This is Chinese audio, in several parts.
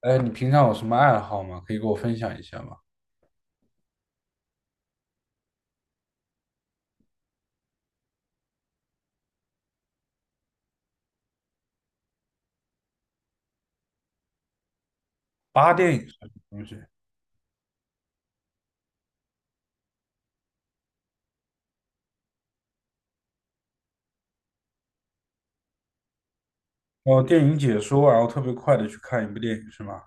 哎，你平常有什么爱好吗？可以给我分享一下吗？八电影是什么东西？哦，电影解说，然后特别快的去看一部电影是吗？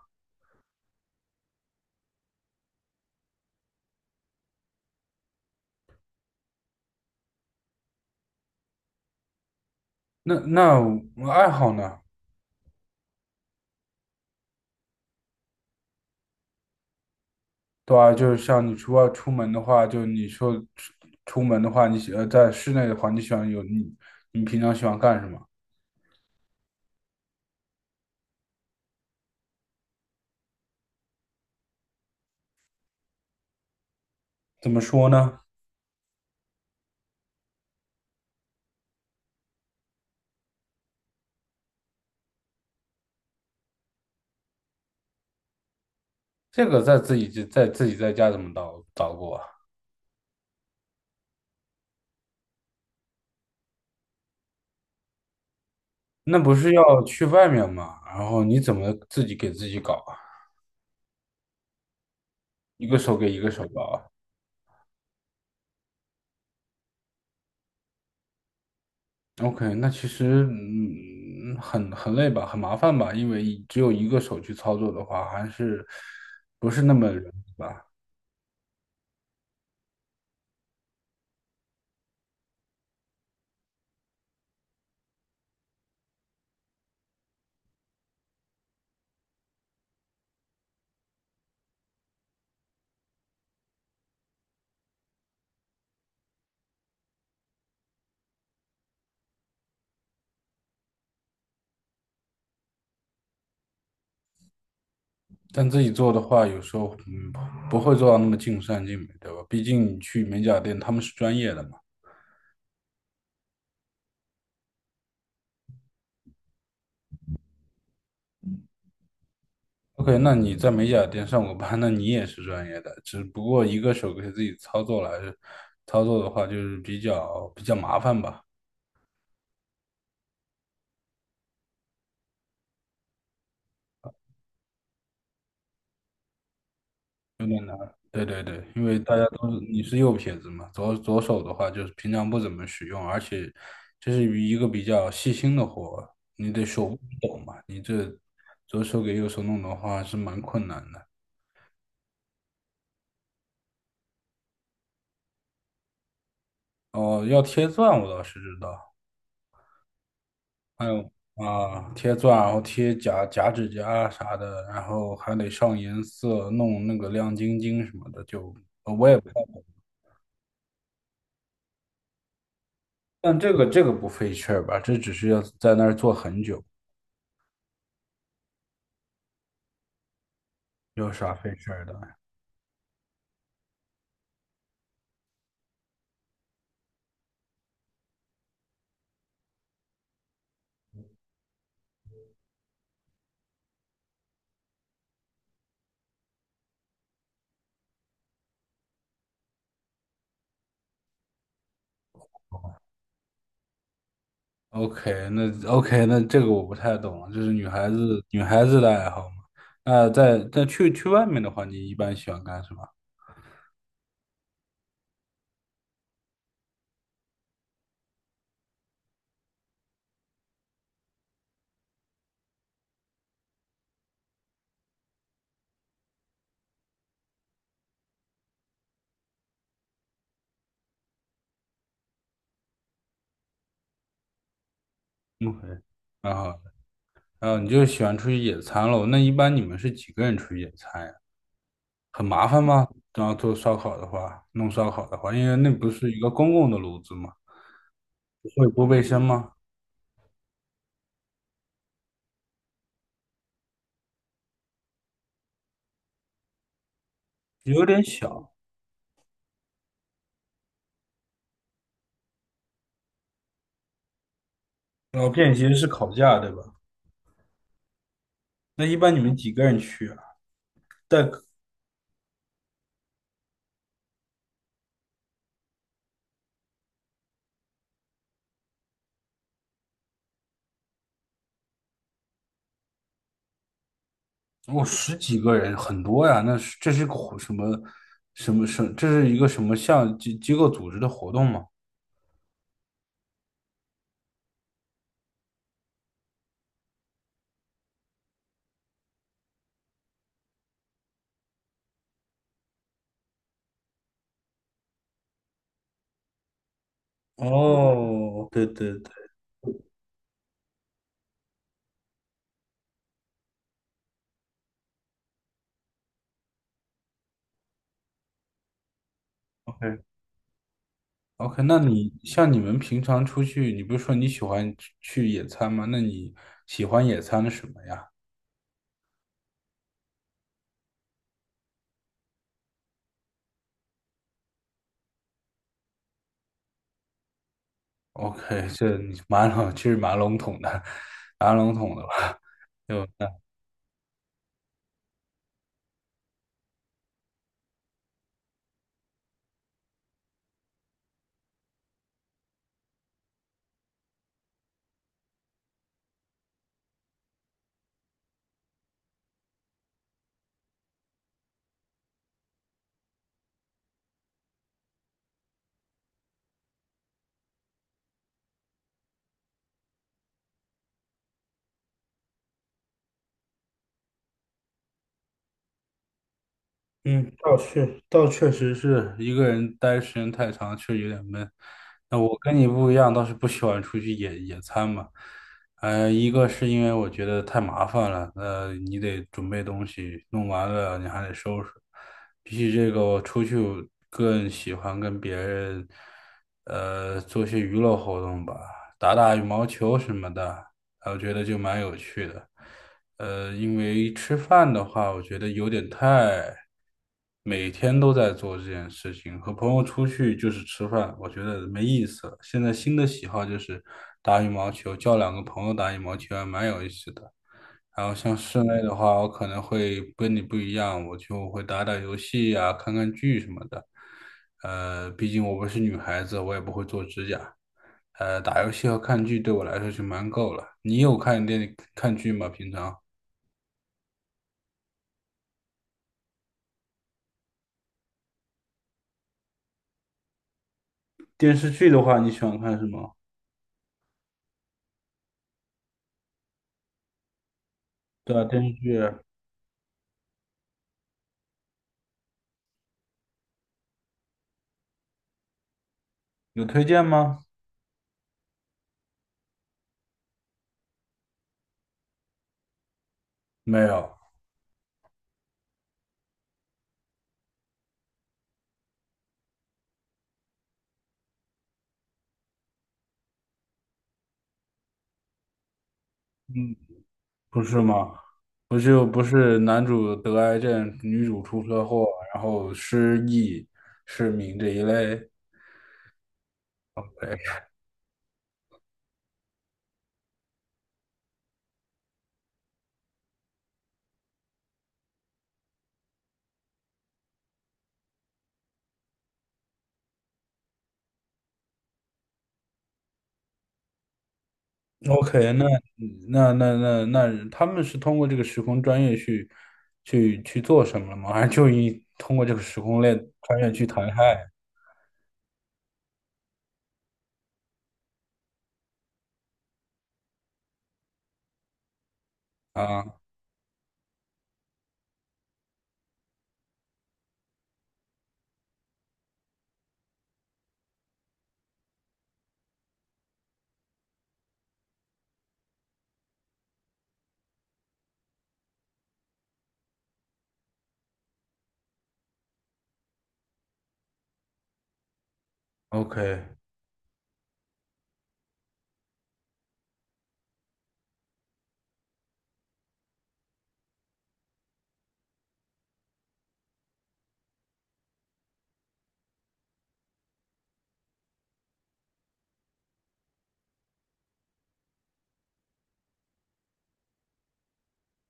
那我爱好呢？对啊，就是像你出外出门的话，就你说出出门的话，你喜在室内的话，你喜欢有你你平常喜欢干什么？怎么说呢？这个在自己在自己在家怎么捣捣鼓啊？那不是要去外面吗？然后你怎么自己给自己搞啊？一个手给一个手搞啊？OK，那其实很累吧，很麻烦吧，因为一只有一个手去操作的话，还是不是那么容易吧？但自己做的话，有时候不会做到那么尽善尽美，对吧？毕竟你去美甲店，他们是专业的嘛。OK，那你在美甲店上过班，那你也是专业的，只不过一个手给自己操作来操作的话，就是比较麻烦吧。对对对，因为大家都是你是右撇子嘛，左手的话就是平常不怎么使用，而且这是一个比较细心的活，你得手不抖嘛，你这左手给右手弄的话是蛮困难的。哦，要贴钻我倒是知道，还有啊贴钻，然后贴假指甲啥的，然后还得上颜色，弄那个亮晶晶什么的，我也不太懂，但这个不费事儿吧，这只是要在那儿坐很久，有啥费事儿的？OK，那 OK，那这个我不太懂了，就是女孩子的爱好嘛。那在去外面的话，你一般喜欢干什么？OK，蛮好的。然后你就喜欢出去野餐喽？那一般你们是几个人出去野餐呀？很麻烦吗？然后做烧烤的话，弄烧烤的话，因为那不是一个公共的炉子嘛，会不卫生吗？有点小，然后便携式烤架，对吧？那一般你们几个人去啊？带？我十几个人很多呀，那是这是个活什么什么什么这是一个什么项机构组织的活动吗？哦，对对对，OK。 OK，那你像你们平常出去，你不是说你喜欢去野餐吗？那你喜欢野餐的什么呀？OK，这你蛮笼，其实蛮笼统的，蛮笼统的吧？了。就嗯，倒确实是一个人待时间太长，确实有点闷。那我跟你不一样，倒是不喜欢出去野餐嘛。呃，一个是因为我觉得太麻烦了，你得准备东西，弄完了你还得收拾。比起这个，我出去我更喜欢跟别人，做些娱乐活动吧，打打羽毛球什么的，我觉得就蛮有趣的。因为吃饭的话，我觉得有点太每天都在做这件事情。和朋友出去就是吃饭，我觉得没意思了。现在新的喜好就是打羽毛球，叫两个朋友打羽毛球还蛮有意思的。然后像室内的话，我可能会跟你不一样，我就会打打游戏呀、看看剧什么的。毕竟我不是女孩子，我也不会做指甲。打游戏和看剧对我来说就蛮够了。你有看看剧吗？平常？电视剧的话，你喜欢看什么？对啊，电视剧有推荐吗？没有。嗯，不是吗？不是，不是，男主得癌症，女主出车祸，然后失忆、失明这一类。OK，那，他们是通过这个时空穿越去做什么了吗？还是就一通过这个时空类穿越去谈爱啊？OK，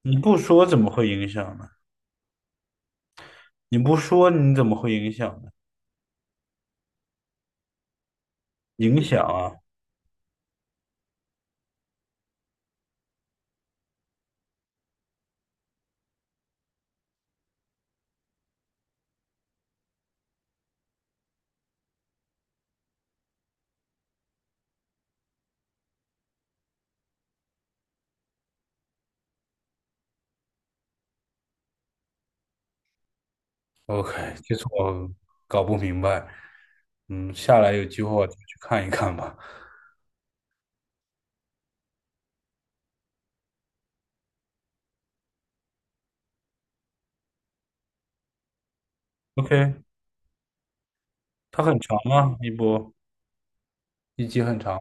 你不说怎么会影响呢？你不说你怎么会影响呢？影响啊！OK，这次我搞不明白，嗯，下来有机会我再去看一看吧。OK，它很长吗？一集很长。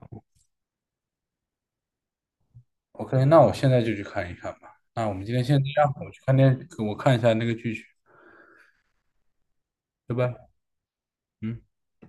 OK，那我现在就去看一看吧。那我们今天先这样，我看一下那个剧去，拜拜。嗯。